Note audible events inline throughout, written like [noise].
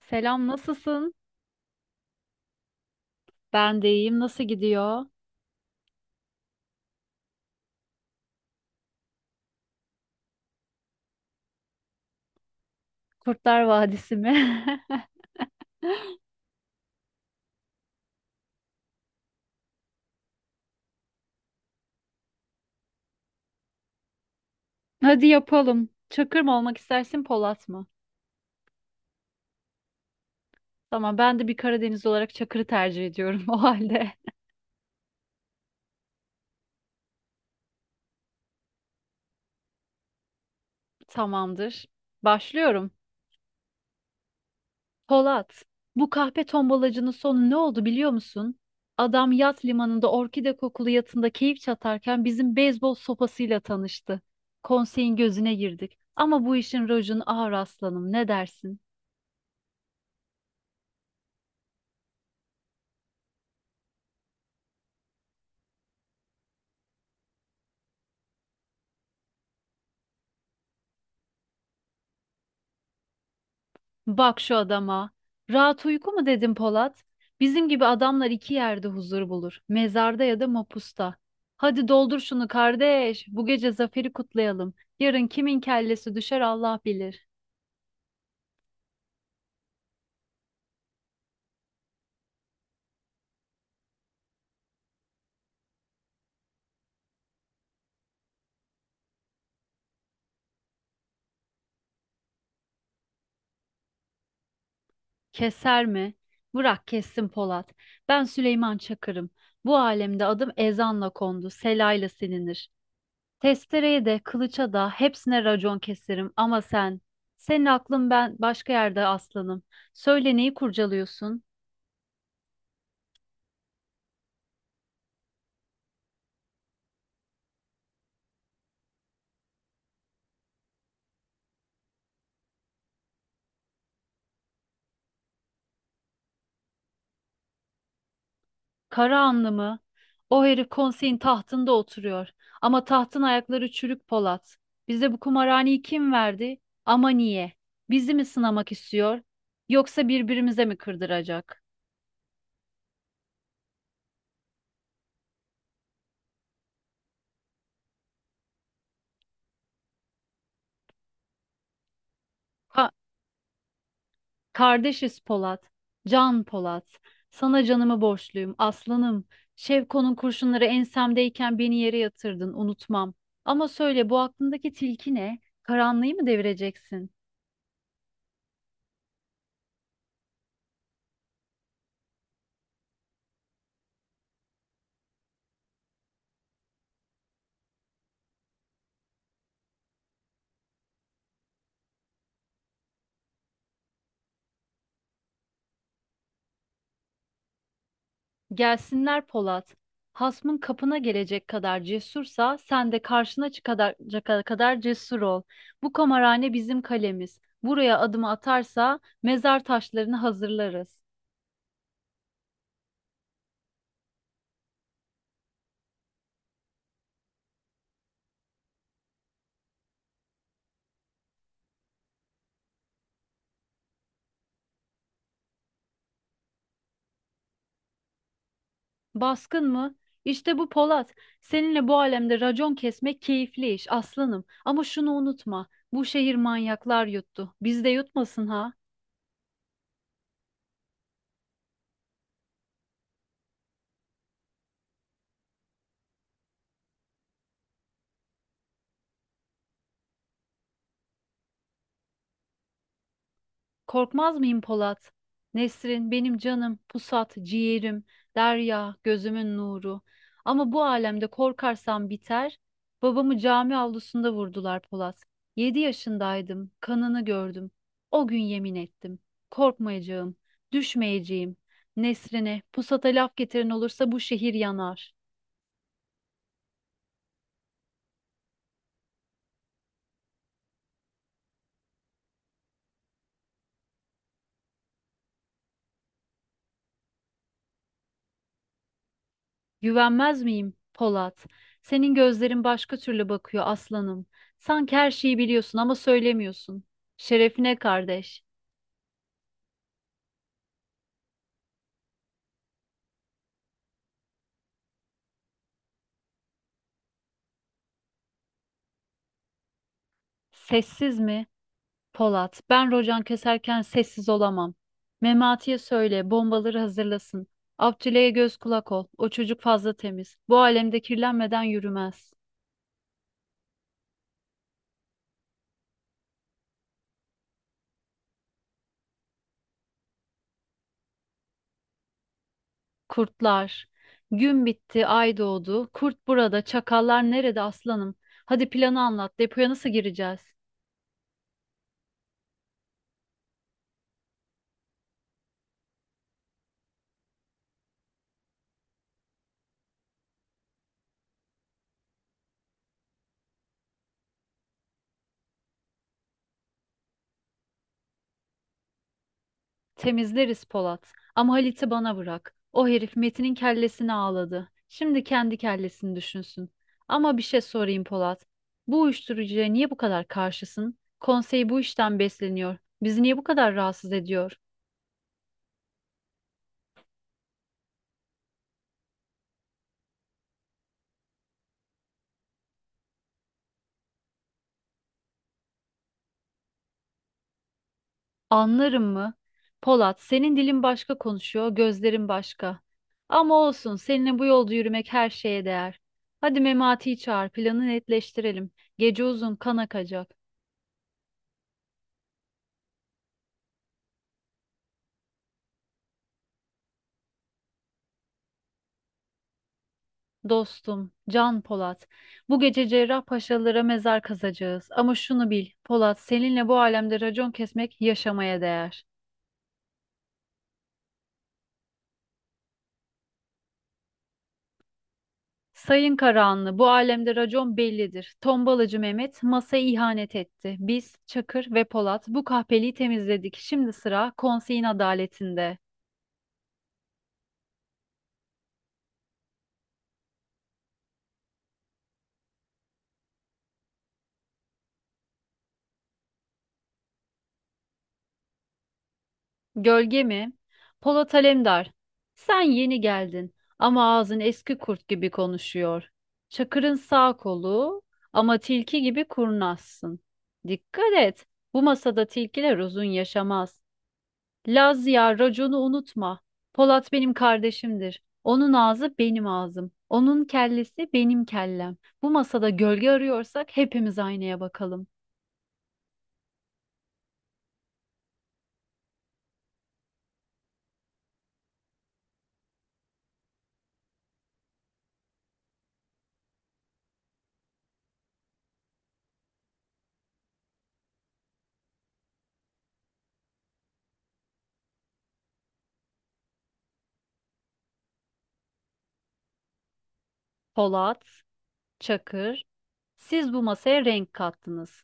Selam, nasılsın? Ben de iyiyim. Nasıl gidiyor? Kurtlar Vadisi mi? [laughs] Hadi yapalım. Çakır mı olmak istersin, Polat mı? Tamam, ben de bir Karadeniz olarak Çakır'ı tercih ediyorum [laughs] o halde. Tamamdır. Başlıyorum. Polat, bu kahpe tombalacının sonu ne oldu biliyor musun? Adam yat limanında orkide kokulu yatında keyif çatarken bizim beyzbol sopasıyla tanıştı. Konseyin gözüne girdik. Ama bu işin rojunu ağır aslanım. Ne dersin? Bak şu adama. Rahat uyku mu dedim Polat? Bizim gibi adamlar iki yerde huzur bulur. Mezarda ya da mapusta. Hadi doldur şunu kardeş. Bu gece zaferi kutlayalım. Yarın kimin kellesi düşer Allah bilir. Keser mi? Bırak kessin Polat. Ben Süleyman Çakır'ım. Bu alemde adım ezanla kondu, selayla silinir. Testereye de, kılıça da hepsine racon keserim ama sen, senin aklın ben başka yerde aslanım. Söyle neyi kurcalıyorsun? Karahanlı mı? O herif konseyin tahtında oturuyor. Ama tahtın ayakları çürük Polat. Bize bu kumarhaneyi kim verdi? Ama niye? Bizi mi sınamak istiyor? Yoksa birbirimize mi kırdıracak? Ka- Kardeşiz Polat. Can Polat. Sana canımı borçluyum aslanım. Şevko'nun kurşunları ensemdeyken beni yere yatırdın unutmam. Ama söyle bu aklındaki tilki ne? Karanlığı mı devireceksin? Gelsinler Polat. Hasmın kapına gelecek kadar cesursa sen de karşına çıkacak kadar cesur ol. Bu kamarhane bizim kalemiz. Buraya adımı atarsa mezar taşlarını hazırlarız. Baskın mı? İşte bu Polat. Seninle bu alemde racon kesmek keyifli iş aslanım. Ama şunu unutma. Bu şehir manyaklar yuttu. Biz de yutmasın ha. Korkmaz mıyım Polat? Nesrin, benim canım, pusat, ciğerim, derya, gözümün nuru. Ama bu alemde korkarsam biter. Babamı cami avlusunda vurdular Polat. Yedi yaşındaydım, kanını gördüm. O gün yemin ettim. Korkmayacağım, düşmeyeceğim. Nesrin'e, pusata laf getiren olursa bu şehir yanar. Güvenmez miyim, Polat? Senin gözlerin başka türlü bakıyor aslanım. Sanki her şeyi biliyorsun ama söylemiyorsun. Şerefine kardeş. Sessiz mi? Polat, ben rocan keserken sessiz olamam. Memati'ye söyle, bombaları hazırlasın. Abdüle'ye göz kulak ol. O çocuk fazla temiz. Bu alemde kirlenmeden yürümez. Kurtlar. Gün bitti, ay doğdu. Kurt burada, çakallar nerede aslanım? Hadi planı anlat. Depoya nasıl gireceğiz? Temizleriz Polat. Ama Halit'i bana bırak. O herif Metin'in kellesini ağladı. Şimdi kendi kellesini düşünsün. Ama bir şey sorayım Polat. Bu uyuşturucuya niye bu kadar karşısın? Konsey bu işten besleniyor. Bizi niye bu kadar rahatsız ediyor? Anlarım mı? Polat, senin dilin başka konuşuyor, gözlerin başka. Ama olsun, seninle bu yolda yürümek her şeye değer. Hadi Memati'yi çağır, planı netleştirelim. Gece uzun kan akacak. Dostum, Can Polat, bu gece Cerrahpaşalılara mezar kazacağız. Ama şunu bil, Polat, seninle bu alemde racon kesmek yaşamaya değer. Sayın Karahanlı, bu alemde racon bellidir. Tombalacı Mehmet masaya ihanet etti. Biz, Çakır ve Polat bu kahpeliği temizledik. Şimdi sıra konseyin adaletinde. Gölge mi? Polat Alemdar. Sen yeni geldin ama ağzın eski kurt gibi konuşuyor. Çakır'ın sağ kolu ama tilki gibi kurnazsın. Dikkat et. Bu masada tilkiler uzun yaşamaz. Laz ya raconu unutma. Polat benim kardeşimdir. Onun ağzı benim ağzım. Onun kellesi benim kellem. Bu masada gölge arıyorsak hepimiz aynaya bakalım. Polat, Çakır, siz bu masaya renk kattınız.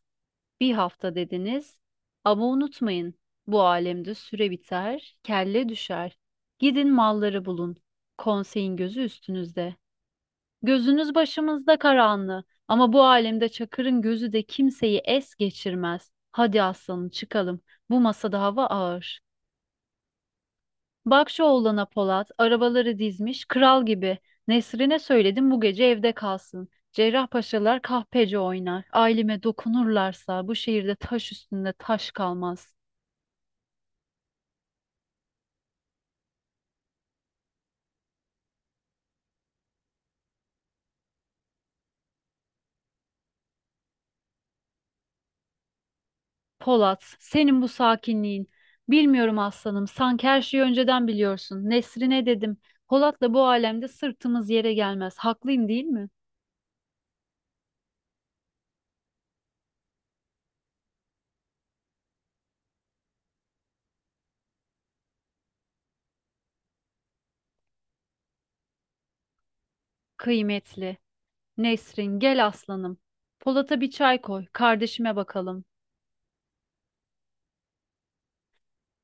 Bir hafta dediniz. Ama unutmayın, bu alemde süre biter, kelle düşer. Gidin malları bulun. Konseyin gözü üstünüzde. Gözünüz başımızda Karahanlı. Ama bu alemde Çakır'ın gözü de kimseyi es geçirmez. Hadi aslanım çıkalım. Bu masada hava ağır. Bak şu oğlana Polat, arabaları dizmiş, kral gibi. Nesrine söyledim bu gece evde kalsın. Cerrahpaşalar kahpece oynar. Aileme dokunurlarsa bu şehirde taş üstünde taş kalmaz. Polat, senin bu sakinliğin. Bilmiyorum aslanım, sanki her şeyi önceden biliyorsun. Nesrine dedim, Polat'la bu alemde sırtımız yere gelmez. Haklıyım değil mi? Kıymetli. Nesrin, gel aslanım. Polat'a bir çay koy, kardeşime bakalım.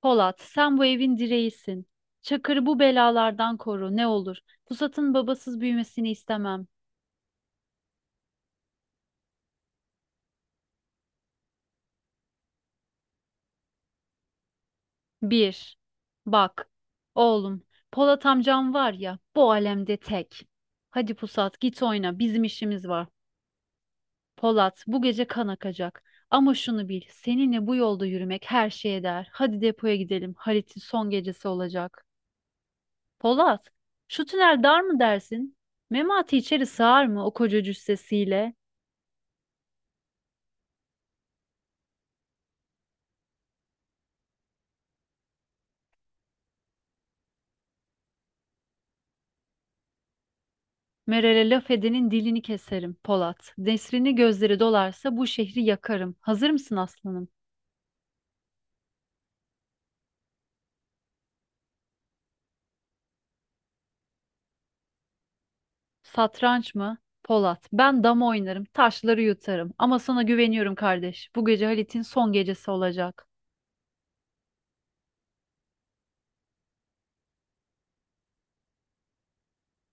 Polat, sen bu evin direğisin. Çakır'ı bu belalardan koru ne olur. Pusat'ın babasız büyümesini istemem. Bir, bak, oğlum, Polat amcam var ya, bu alemde tek. Hadi Pusat, git oyna, bizim işimiz var. Polat, bu gece kan akacak. Ama şunu bil, seninle bu yolda yürümek her şeye değer. Hadi depoya gidelim, Halit'in son gecesi olacak. Polat, şu tünel dar mı dersin? Memati içeri sığar mı o koca cüssesiyle? Meral'e laf edenin dilini keserim, Polat. Nesrini gözleri dolarsa bu şehri yakarım. Hazır mısın aslanım? Satranç mı? Polat. Ben dama oynarım, taşları yutarım. Ama sana güveniyorum kardeş. Bu gece Halit'in son gecesi olacak.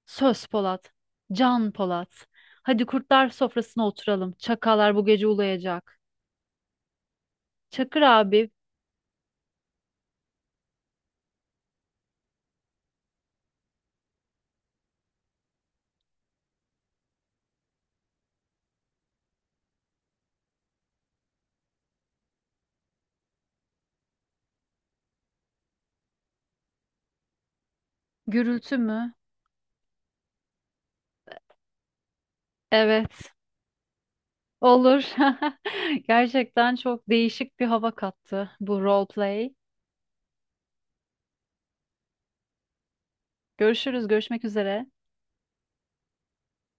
Söz Polat. Can Polat. Hadi kurtlar sofrasına oturalım. Çakallar bu gece ulayacak. Çakır abi, gürültü mü? Evet. Olur. [laughs] Gerçekten çok değişik bir hava kattı bu role play. Görüşürüz, görüşmek üzere.